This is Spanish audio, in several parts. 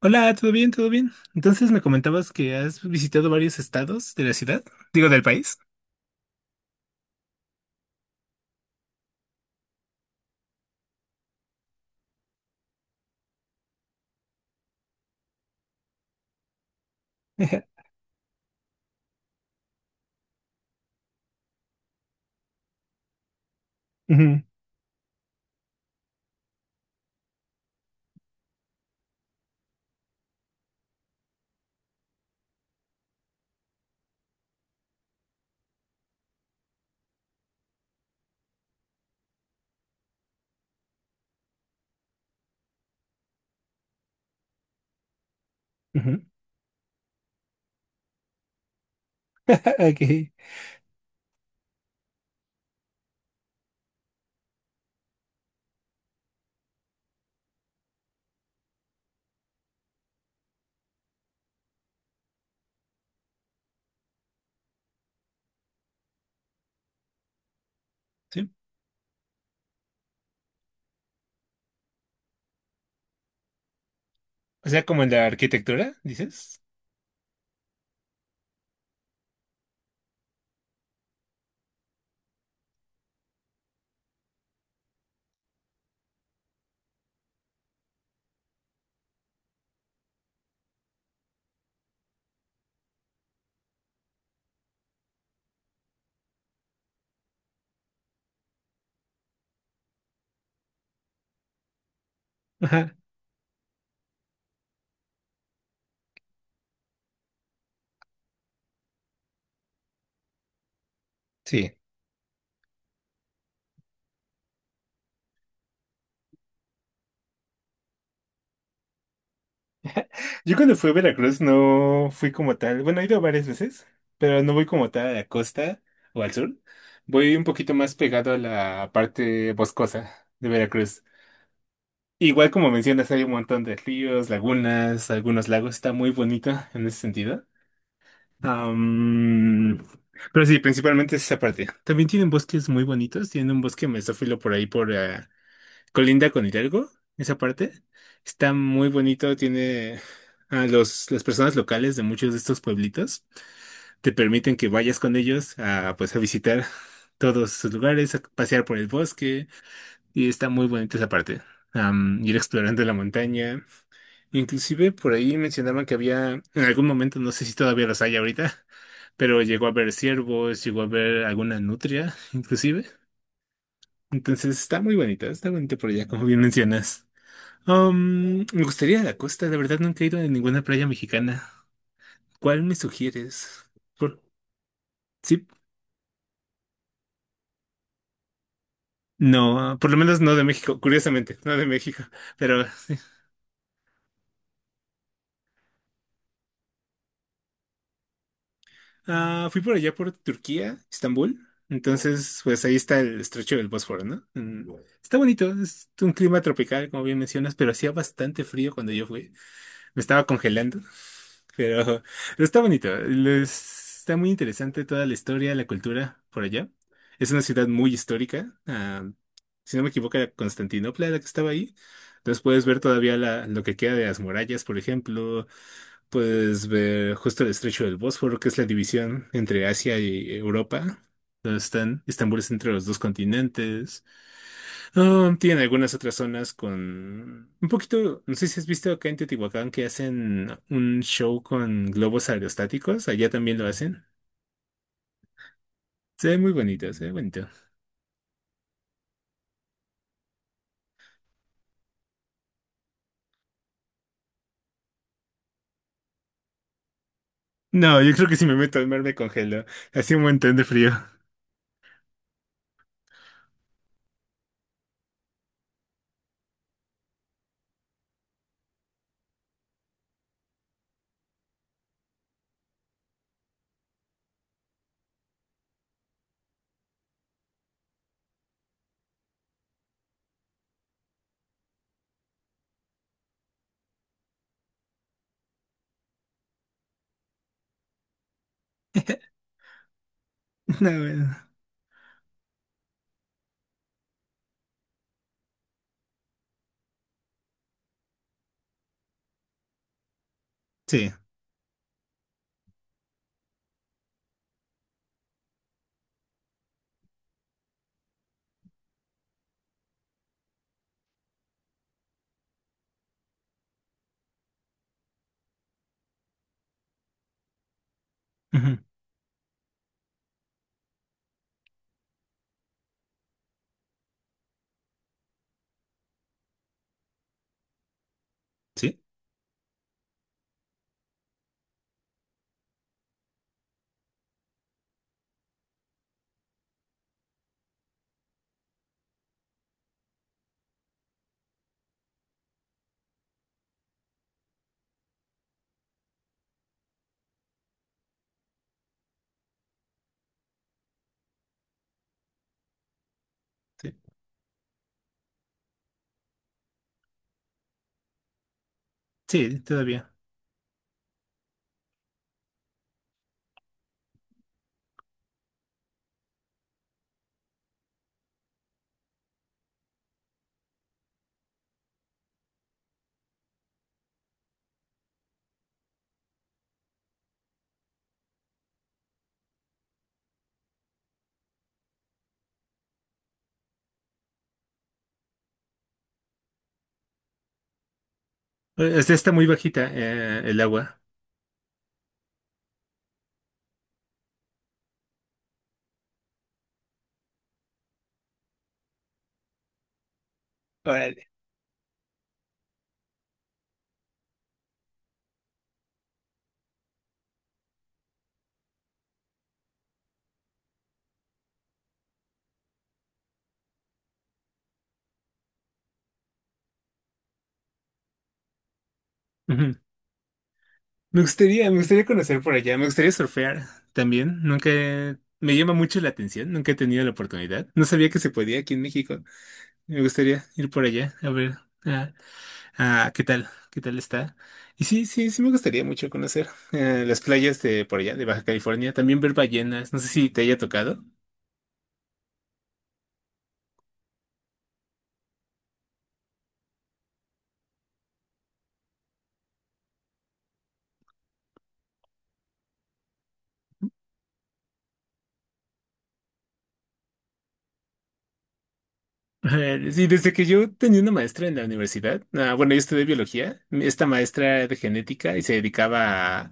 Hola, ¿todo bien? ¿Todo bien? Entonces me comentabas que has visitado varios estados de la ciudad, digo del país. Ajá. Ujú, ujú. Ok. Sí. O sea, como en la arquitectura, dices. Ajá, sí. Yo cuando fui a Veracruz no fui como tal. Bueno, he ido varias veces, pero no voy como tal a la costa o al sur. Voy un poquito más pegado a la parte boscosa de Veracruz. Igual como mencionas, hay un montón de ríos, lagunas, algunos lagos. Está muy bonito en ese sentido. Am, pero sí, principalmente es esa parte. También tienen bosques muy bonitos. Tienen un bosque mesófilo por ahí, por colinda con Hidalgo, esa parte. Está muy bonito. Tiene a los, las personas locales de muchos de estos pueblitos. Te permiten que vayas con ellos a, pues, a visitar todos sus lugares, a pasear por el bosque. Y está muy bonita esa parte. Ir explorando la montaña. Inclusive por ahí mencionaban que había, en algún momento, no sé si todavía los hay ahorita, pero llegó a ver ciervos, llegó a ver alguna nutria, inclusive. Entonces está muy bonita, está bonita por allá, como bien mencionas. Me gustaría ir a la costa, la verdad nunca he ido a ninguna playa mexicana. ¿Cuál me sugieres? Por- sí, no, por lo menos no de México, curiosamente, no de México, pero... Ah, fui por allá por Turquía, Estambul. Entonces, pues ahí está el estrecho del Bósforo, ¿no? Mm. Está bonito, es un clima tropical, como bien mencionas, pero hacía bastante frío cuando yo fui. Me estaba congelando, pero, pero está bonito. Les- Está muy interesante toda la historia, la cultura por allá. Es una ciudad muy histórica. Si no me equivoco, era Constantinopla la que estaba ahí. Entonces puedes ver todavía la- lo que queda de las murallas, por ejemplo. Puedes ver justo el estrecho del Bósforo, que es la división entre Asia y Europa. Donde están, Estambul es entre los dos continentes. Ah, tienen algunas otras zonas con un poquito, no sé si has visto acá en Teotihuacán que hacen un show con globos aerostáticos. Allá también lo hacen. Se ve muy bonito, se ve bonito. No, yo creo que si me meto al mar me congelo. Hace un montón de frío. No, bueno. Sí. Ujú. Sí, sí. Sí, todavía. O sea, está muy bajita, el agua. Ujú. Me gustaría conocer por allá, me gustaría surfear también. Nunca he- me llama mucho la atención, nunca he tenido la oportunidad. No sabía que se podía aquí en México. Me gustaría ir por allá a ver ah, qué tal está. Y sí, sí, sí me gustaría mucho conocer las playas de por allá, de Baja California. También ver ballenas, no sé si te haya tocado. Ajá. Sí, desde que yo tenía una maestra en la universidad, ah, bueno, yo estudié biología, esta maestra era de genética y se dedicaba a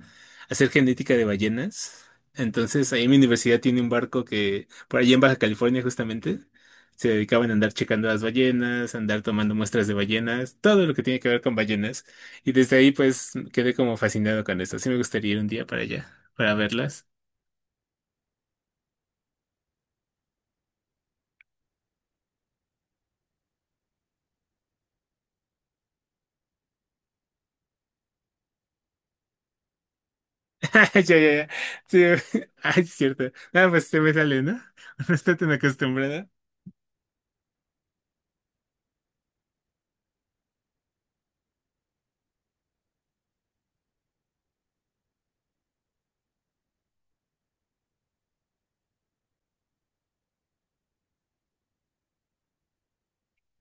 hacer genética de ballenas. Entonces, ahí en mi universidad tiene un barco que, por allí en Baja California justamente, se dedicaban a andar checando las ballenas, a andar tomando muestras de ballenas, todo lo que tiene que ver con ballenas. Y desde ahí, pues, quedé como fascinado con esto. Sí me gustaría ir un día para allá, para verlas. Ya, ya, ya. Sí. Ay, es cierto. Nada, pues se me sale, ¿no? No estoy tan acostumbrada.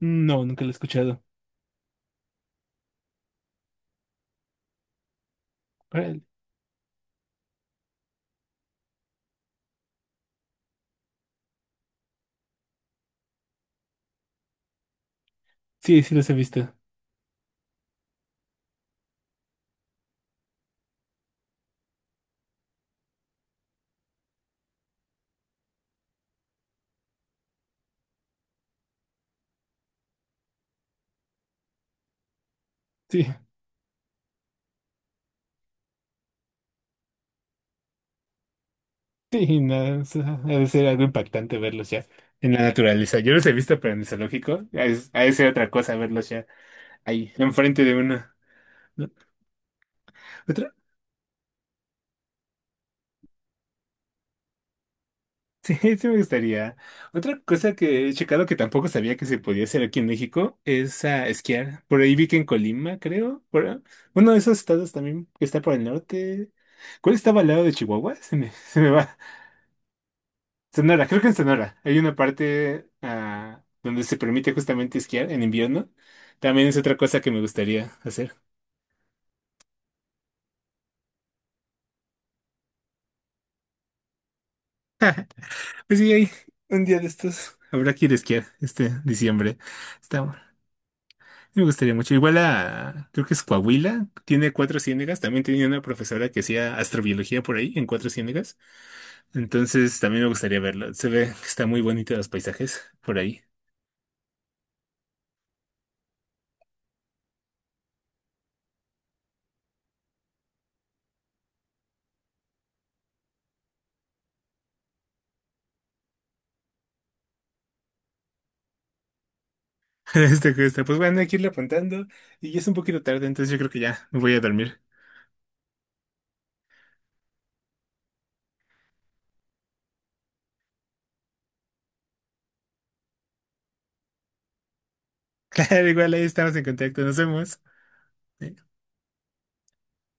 No, nunca lo he escuchado. Órale. Sí, sí los he visto. Sí, sí, no, o sea, ha de ser algo impactante verlos ya en la naturaleza. Yo los he visto, pero en el zoológico. Ha de... ha de ser otra cosa verlos ya ahí, enfrente de uno. ¿No? Otra, sí, sí me gustaría. Otra cosa que he checado que tampoco sabía que se podía hacer aquí en México es a esquiar. Por ahí vi que en Colima, creo. Por, uno de esos estados también que está por el norte. ¿Cuál estaba al lado de Chihuahua? Se me, se me va. Sonora, creo que en Sonora. Hay una parte donde se permite justamente esquiar en invierno. También es otra cosa que me gustaría hacer. Pues sí, hay un día de estos. Habrá que ir a esquiar este diciembre. Está, me gustaría mucho. Igual a, creo que es Coahuila, tiene cuatro ciénegas. También tenía una profesora que hacía astrobiología por ahí, en cuatro ciénegas. Entonces también me gustaría verlo. Se ve que está muy bonito los paisajes por ahí. Este, pues bueno, hay que irle apuntando. Y ya es un poquito tarde, entonces yo creo que ya me voy a dormir. Claro, igual ahí estamos en contacto, nos vemos.